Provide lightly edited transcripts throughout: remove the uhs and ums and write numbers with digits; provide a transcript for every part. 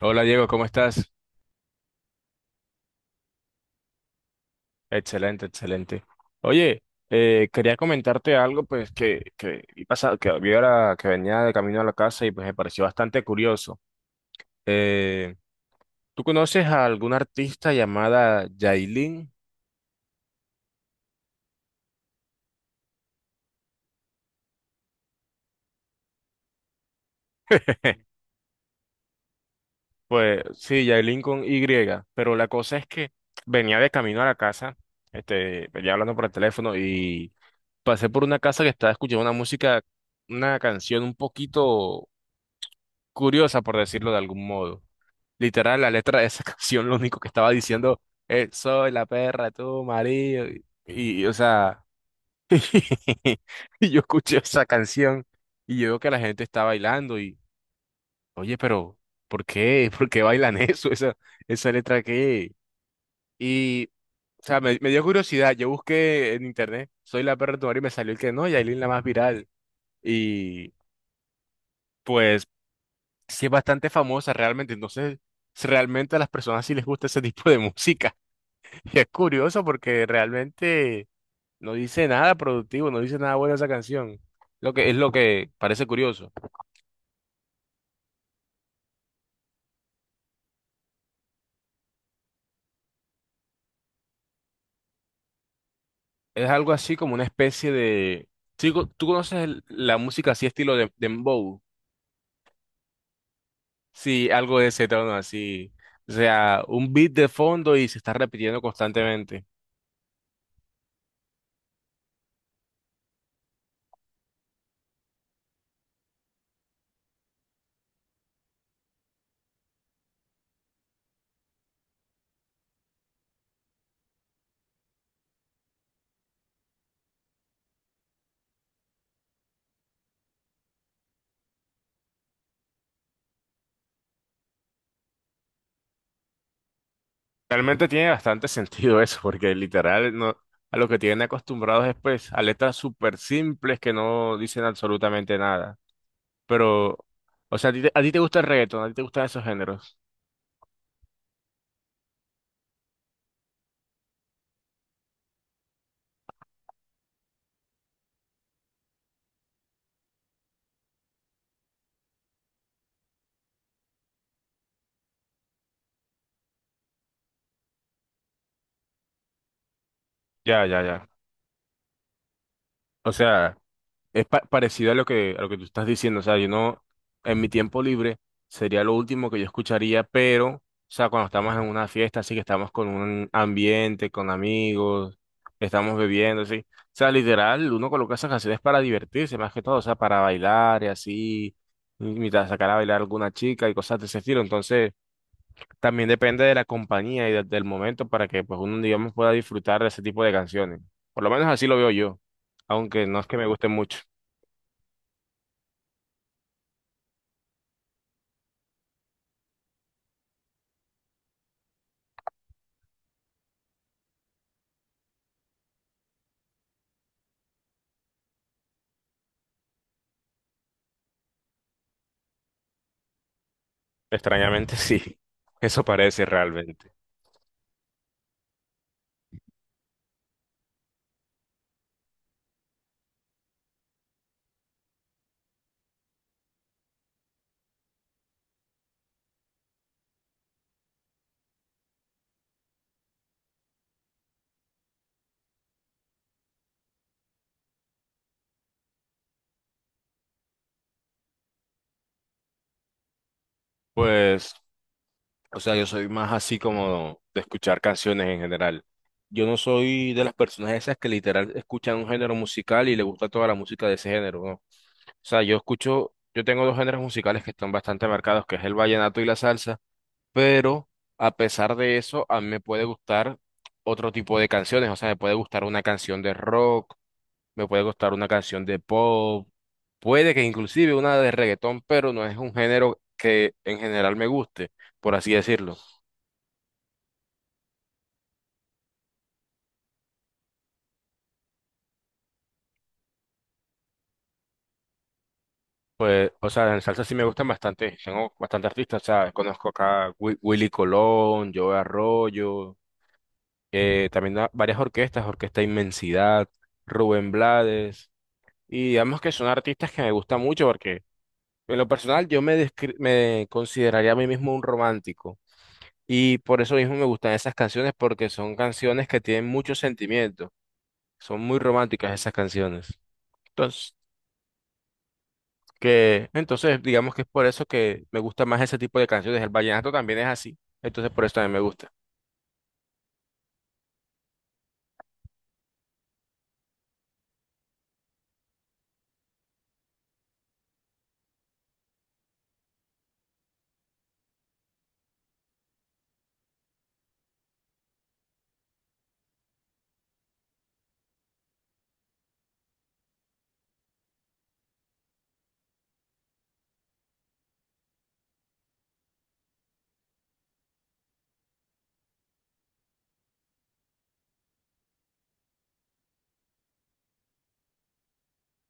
Hola Diego, ¿cómo estás? Excelente, excelente. Oye, quería comentarte algo pues que vi ahora que venía de camino a la casa y pues me pareció bastante curioso. Eh, ¿Tú conoces a alguna artista llamada Yailin? Pues sí, Yailin con Y, pero la cosa es que venía de camino a la casa, venía hablando por el teléfono y pasé por una casa que estaba escuchando una música, una canción un poquito curiosa, por decirlo de algún modo. Literal, la letra de esa canción lo único que estaba diciendo es, soy la perra, tú, marido. O sea, y yo escuché esa canción y yo veo que la gente está bailando y, oye, pero, ¿por qué? ¿Por qué bailan eso? Esa letra que... Y, o sea, me dio curiosidad. Yo busqué en internet, soy la perra, de tu marido, y me salió el que no, Yailin la más viral. Y, pues, sí es bastante famosa realmente. Entonces, realmente a las personas sí les gusta ese tipo de música. Y es curioso porque realmente no dice nada productivo, no dice nada bueno esa canción. Lo que es lo que parece curioso. Es algo así como una especie de. Sí, ¿tú conoces la música así estilo de dembow? Sí, algo de ese tono así. O sea, un beat de fondo y se está repitiendo constantemente. Realmente tiene bastante sentido eso, porque literal no, a lo que tienen acostumbrados es pues a letras súper simples que no dicen absolutamente nada. Pero, o sea, a ti te gusta el reggaetón, a ti te gustan esos géneros. Ya, ya, ya. O sea, es parecido a a lo que tú estás diciendo. O sea, yo no, en mi tiempo libre sería lo último que yo escucharía, pero, o sea, cuando estamos en una fiesta, así que estamos con un ambiente, con amigos, estamos bebiendo, así. O sea, literal, uno coloca esas canciones para divertirse, más que todo, o sea, para bailar y así, imitar, sacar a bailar a alguna chica y cosas de ese estilo. Entonces... También depende de la compañía y del momento para que pues uno, digamos, pueda disfrutar de ese tipo de canciones. Por lo menos así lo veo yo, aunque no es que me guste mucho. Extrañamente sí, eso parece realmente. Pues, o sea, yo soy más así como de escuchar canciones en general. Yo no soy de las personas esas que literal escuchan un género musical y le gusta toda la música de ese género, ¿no? O sea, yo escucho, yo tengo dos géneros musicales que están bastante marcados, que es el vallenato y la salsa. Pero a pesar de eso, a mí me puede gustar otro tipo de canciones, o sea, me puede gustar una canción de rock, me puede gustar una canción de pop, puede que inclusive una de reggaetón, pero no es un género que en general me guste, por así decirlo. Pues, o sea, en salsa sí me gustan bastante, tengo bastante artistas, o sea, conozco acá Willy Colón, Joe Arroyo, también varias orquestas, Orquesta Inmensidad, Rubén Blades, y digamos que son artistas que me gustan mucho porque en lo personal, me consideraría a mí mismo un romántico y por eso mismo me gustan esas canciones porque son canciones que tienen mucho sentimiento, son muy románticas esas canciones. Entonces, entonces digamos que es por eso que me gusta más ese tipo de canciones. El vallenato también es así, entonces por eso también me gusta.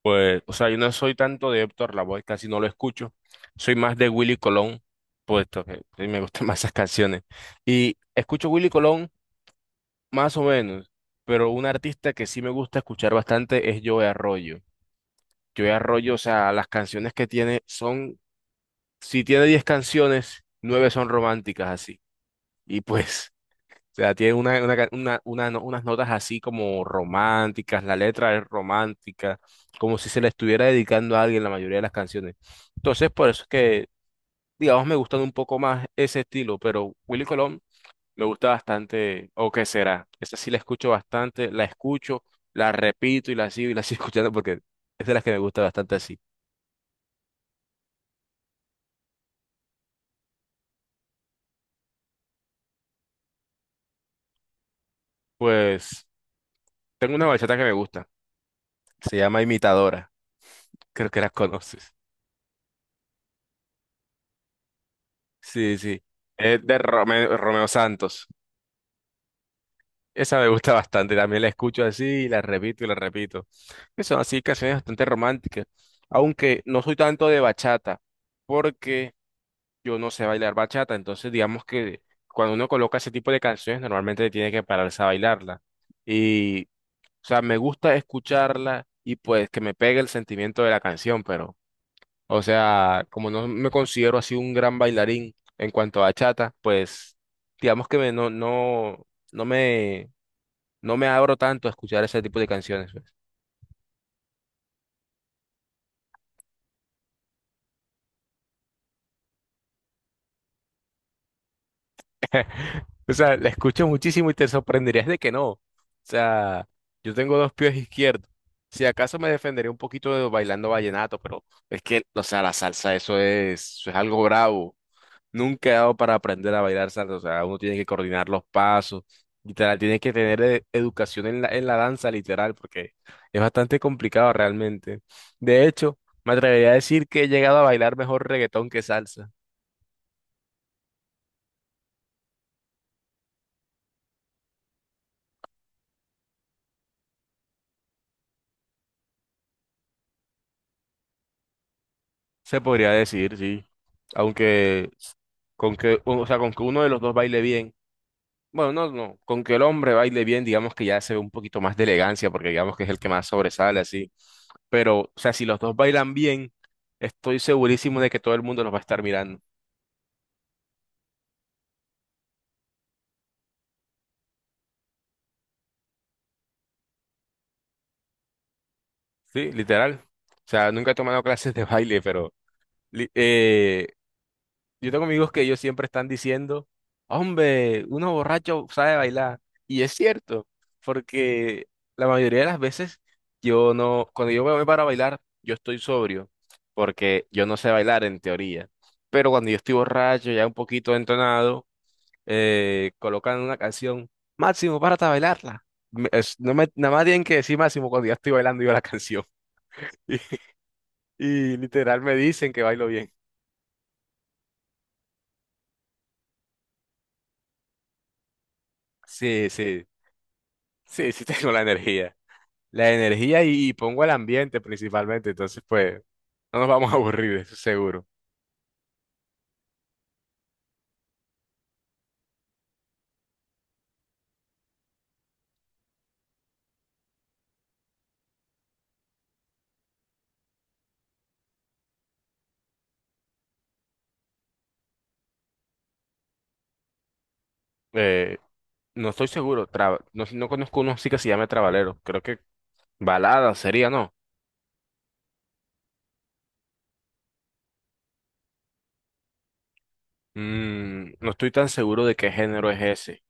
Pues, o sea, yo no soy tanto de Héctor Lavoe, casi no lo escucho. Soy más de Willy Colón, puesto que me gustan más esas canciones. Y escucho Willy Colón. Más o menos, pero un artista que sí me gusta escuchar bastante es Joe Arroyo. Joe Arroyo, o sea, las canciones que tiene son, si tiene 10 canciones, 9 son románticas así. Y pues, o sea, tiene una ca- una no- unas notas así como románticas, la letra es romántica, como si se le estuviera dedicando a alguien la mayoría de las canciones. Entonces, por eso es que, digamos, me gustan un poco más ese estilo, pero Willy Colón me gusta bastante, o qué será. Esa sí la escucho bastante, la escucho, la repito y la sigo escuchando porque es de las que me gusta bastante así. Pues tengo una bachata que me gusta, se llama Imitadora, creo que la conoces. Sí, sí, es de Romeo, Romeo Santos. Esa me gusta bastante, también la escucho así y la repito y la repito. Que son así canciones bastante románticas, aunque no soy tanto de bachata, porque yo no sé bailar bachata, entonces digamos que cuando uno coloca ese tipo de canciones normalmente tiene que pararse a bailarla. Y, o sea, me gusta escucharla y pues que me pegue el sentimiento de la canción, pero, o sea, como no me considero así un gran bailarín en cuanto a bachata, pues digamos que no me, no me abro tanto a escuchar ese tipo de canciones pues. O sea, la escucho muchísimo y te sorprenderías de que no. O sea, yo tengo dos pies izquierdos. Si acaso me defenderé un poquito de bailando vallenato, pero es que, o sea, la salsa, eso es algo bravo. Nunca he dado para aprender a bailar salsa. O sea, uno tiene que coordinar los pasos, literal, tiene que tener educación en en la danza, literal, porque es bastante complicado realmente. De hecho, me atrevería a decir que he llegado a bailar mejor reggaetón que salsa. Se podría decir, sí. Aunque con que, o sea, con que uno de los dos baile bien. Bueno, no, no, con que el hombre baile bien, digamos que ya se ve un poquito más de elegancia, porque digamos que es el que más sobresale, así. Pero, o sea, si los dos bailan bien, estoy segurísimo de que todo el mundo los va a estar mirando. Sí, literal. O sea, nunca he tomado clases de baile, pero li- eh, yo tengo amigos que ellos siempre están diciendo, hombre, uno borracho sabe bailar. Y es cierto, porque la mayoría de las veces yo no, cuando yo me voy para bailar, yo estoy sobrio, porque yo no sé bailar en teoría. Pero cuando yo estoy borracho, ya un poquito entonado, colocan una canción, Máximo, párate a bailarla. Nada más tienen que decir Máximo cuando ya estoy bailando yo la canción. Y, y literal me dicen que bailo bien. Sí, sí, sí, sí tengo la energía. La energía y pongo el ambiente principalmente, entonces pues no nos vamos a aburrir, eso seguro. Eh, no estoy seguro, no conozco uno así que se llame Trabalero, creo que balada sería, ¿no? Mm, no estoy tan seguro de qué género es ese,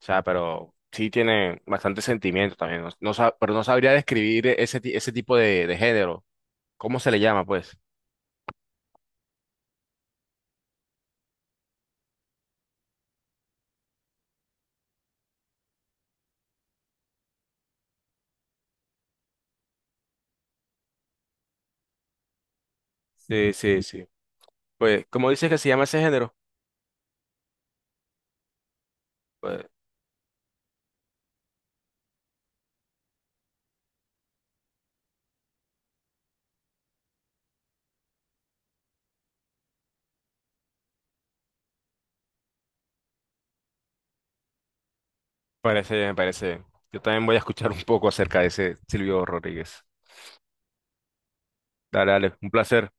o sea, pero sí tiene bastante sentimiento también, pero no sabría describir ese tipo de género, ¿cómo se le llama pues? Sí, sí, sí. Pues, ¿cómo dices que se llama ese género? Parece bien, me parece bien. Yo también voy a escuchar un poco acerca de ese Silvio Rodríguez. Dale, dale, un placer.